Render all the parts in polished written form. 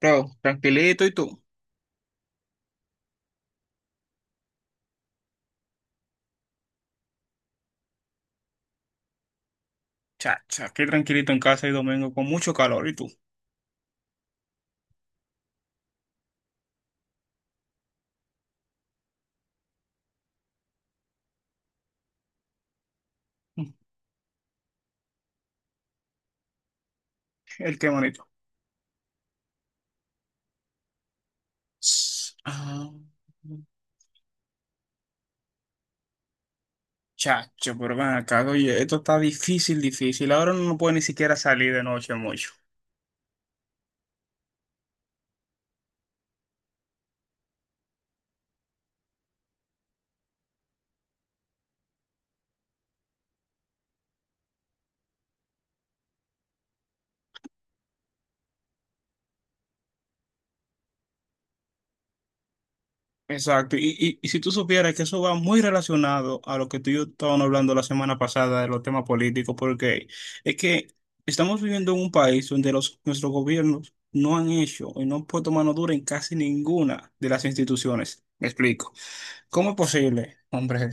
Bro, tranquilito y tú. Chacha, qué tranquilito en casa y domingo con mucho calor y tú. Mm. El qué bonito. Sss, ah, chacho, pero ven acá, oye, esto está difícil, difícil. Ahora no puede ni siquiera salir de noche mucho. Exacto, y si tú supieras que eso va muy relacionado a lo que tú y yo estábamos hablando la semana pasada de los temas políticos, porque es que estamos viviendo en un país donde nuestros gobiernos no han hecho y no han puesto mano dura en casi ninguna de las instituciones. Me explico. ¿Cómo es posible, hombre,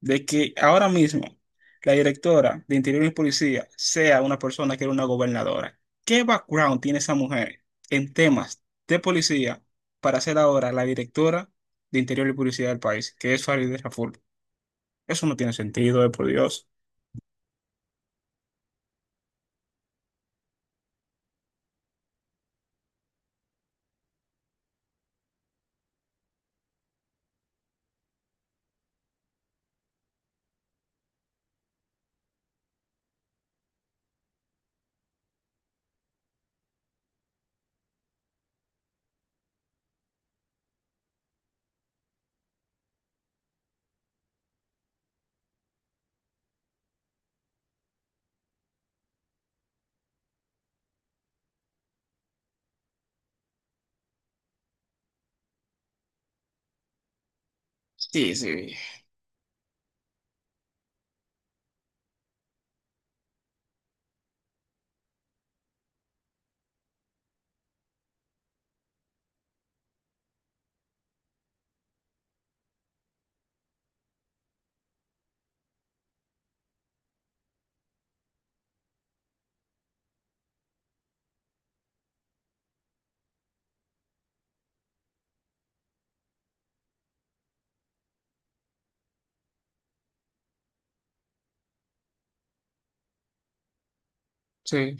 de que ahora mismo la directora de Interior y Policía sea una persona que era una gobernadora? ¿Qué background tiene esa mujer en temas de policía para ser ahora la directora de Interior y Policía del país, que es Farideh Raful? Eso no tiene sentido, por Dios. Sí, sí, sí,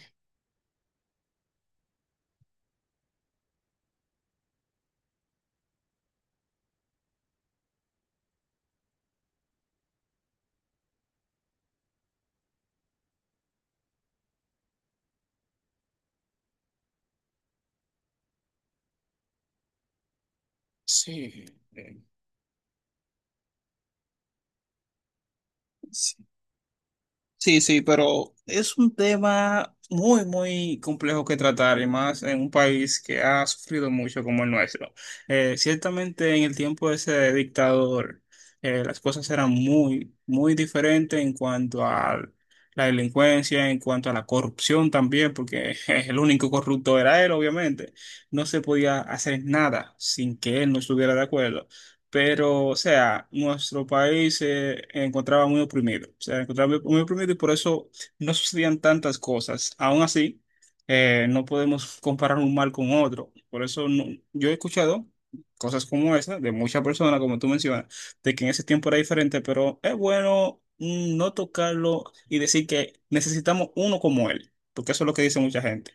sí. eh, Sí, sí, pero es un tema muy, muy complejo que tratar y más en un país que ha sufrido mucho como el nuestro. Ciertamente en el tiempo de ese dictador las cosas eran muy, muy diferentes en cuanto a la delincuencia, en cuanto a la corrupción también, porque el único corrupto era él, obviamente. No se podía hacer nada sin que él no estuviera de acuerdo, pero, o sea, nuestro país se encontraba muy oprimido, o sea, encontraba muy, muy oprimido y por eso no sucedían tantas cosas. Aún así, no podemos comparar un mal con otro. Por eso yo he escuchado cosas como esa de muchas personas, como tú mencionas, de que en ese tiempo era diferente, pero es bueno no tocarlo y decir que necesitamos uno como él, porque eso es lo que dice mucha gente.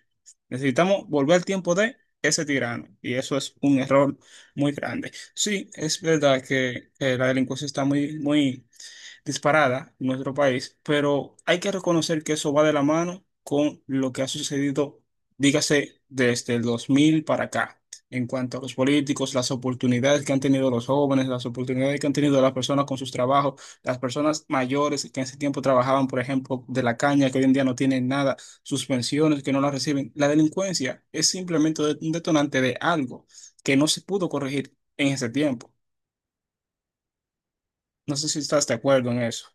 Necesitamos volver al tiempo de ese tirano y eso es un error muy grande. Sí, es verdad que la delincuencia está muy, muy, disparada en nuestro país, pero hay que reconocer que eso va de la mano con lo que ha sucedido, dígase, desde el 2000 para acá, en cuanto a los políticos, las oportunidades que han tenido los jóvenes, las oportunidades que han tenido las personas con sus trabajos, las personas mayores que en ese tiempo trabajaban, por ejemplo, de la caña, que hoy en día no tienen nada, sus pensiones que no las reciben. La delincuencia es simplemente un detonante de algo que no se pudo corregir en ese tiempo. No sé si estás de acuerdo en eso.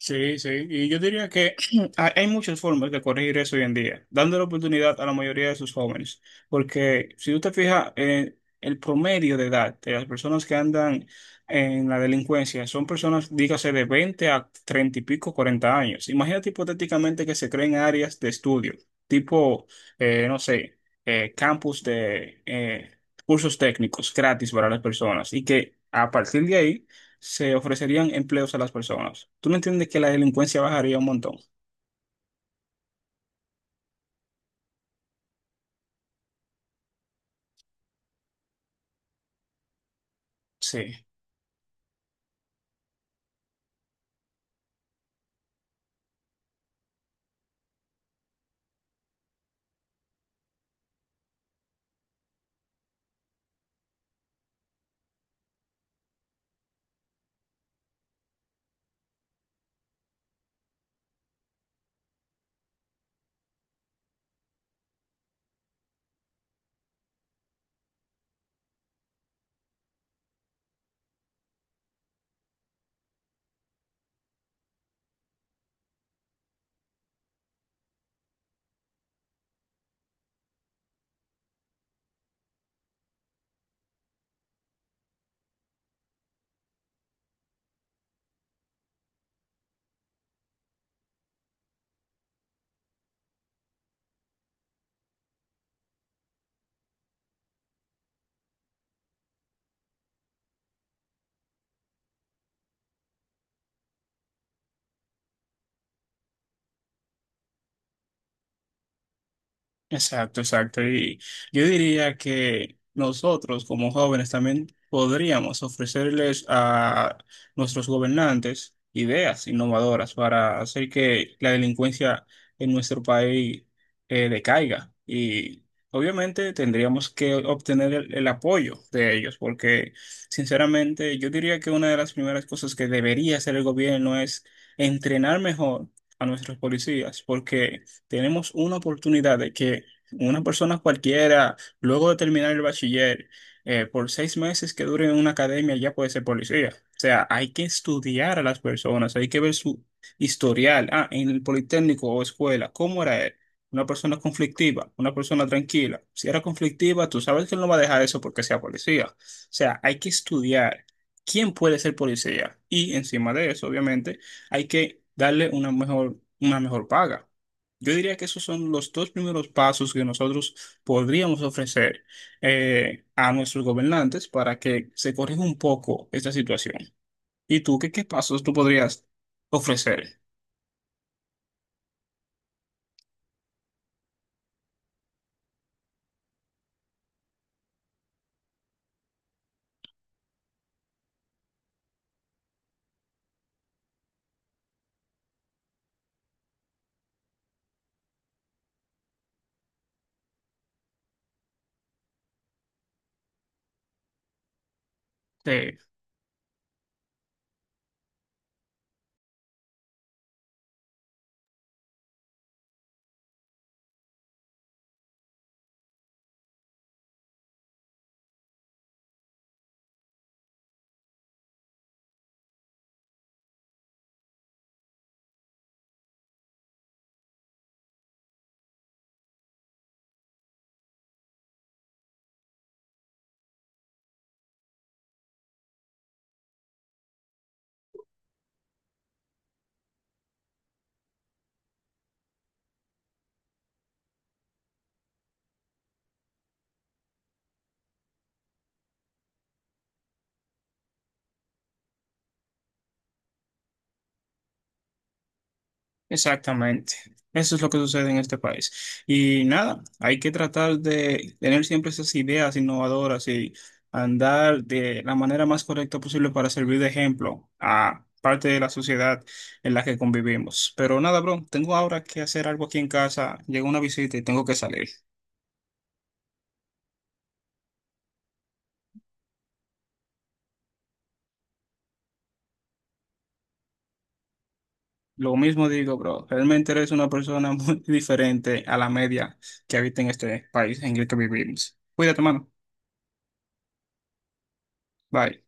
Sí, sí, y yo diría que hay muchas formas de corregir eso hoy en día, dando la oportunidad a la mayoría de sus jóvenes, porque si tú te fijas, el promedio de edad de las personas que andan en la delincuencia son personas, dígase, de 20 a 30 y pico, 40 años. Imagínate hipotéticamente que se creen áreas de estudio, tipo, no sé, campus de cursos técnicos gratis para las personas y que... A partir de ahí se ofrecerían empleos a las personas. ¿Tú no entiendes que la delincuencia bajaría un montón? Sí. Exacto, exacto. Y yo diría que nosotros como jóvenes también podríamos ofrecerles a nuestros gobernantes ideas innovadoras para hacer que la delincuencia en nuestro país decaiga. Y obviamente tendríamos que obtener el apoyo de ellos, porque sinceramente yo diría que una de las primeras cosas que debería hacer el gobierno es entrenar mejor a nuestros policías, porque... Tenemos una oportunidad de que una persona cualquiera, luego de terminar el bachiller, por 6 meses que dure en una academia, ya puede ser policía. O sea, hay que estudiar a las personas, hay que ver su historial. Ah, en el politécnico o escuela, ¿cómo era él? Una persona conflictiva, una persona tranquila. Si era conflictiva, tú sabes que él no va a dejar eso porque sea policía. O sea, hay que estudiar quién puede ser policía. Y encima de eso, obviamente, hay que darle una mejor paga. Yo diría que esos son los dos primeros pasos que nosotros podríamos ofrecer a nuestros gobernantes para que se corrija un poco esta situación. ¿Y tú qué, pasos tú podrías ofrecer? Eh, Exactamente. Eso es lo que sucede en este país. Y nada, hay que tratar de tener siempre esas ideas innovadoras y andar de la manera más correcta posible para servir de ejemplo a parte de la sociedad en la que convivimos. Pero nada, bro, tengo ahora que hacer algo aquí en casa. Llegó una visita y tengo que salir. Lo mismo digo, bro, realmente eres una persona muy diferente a la media que habita en este país en el que vivimos. Cuídate, mano. Bye.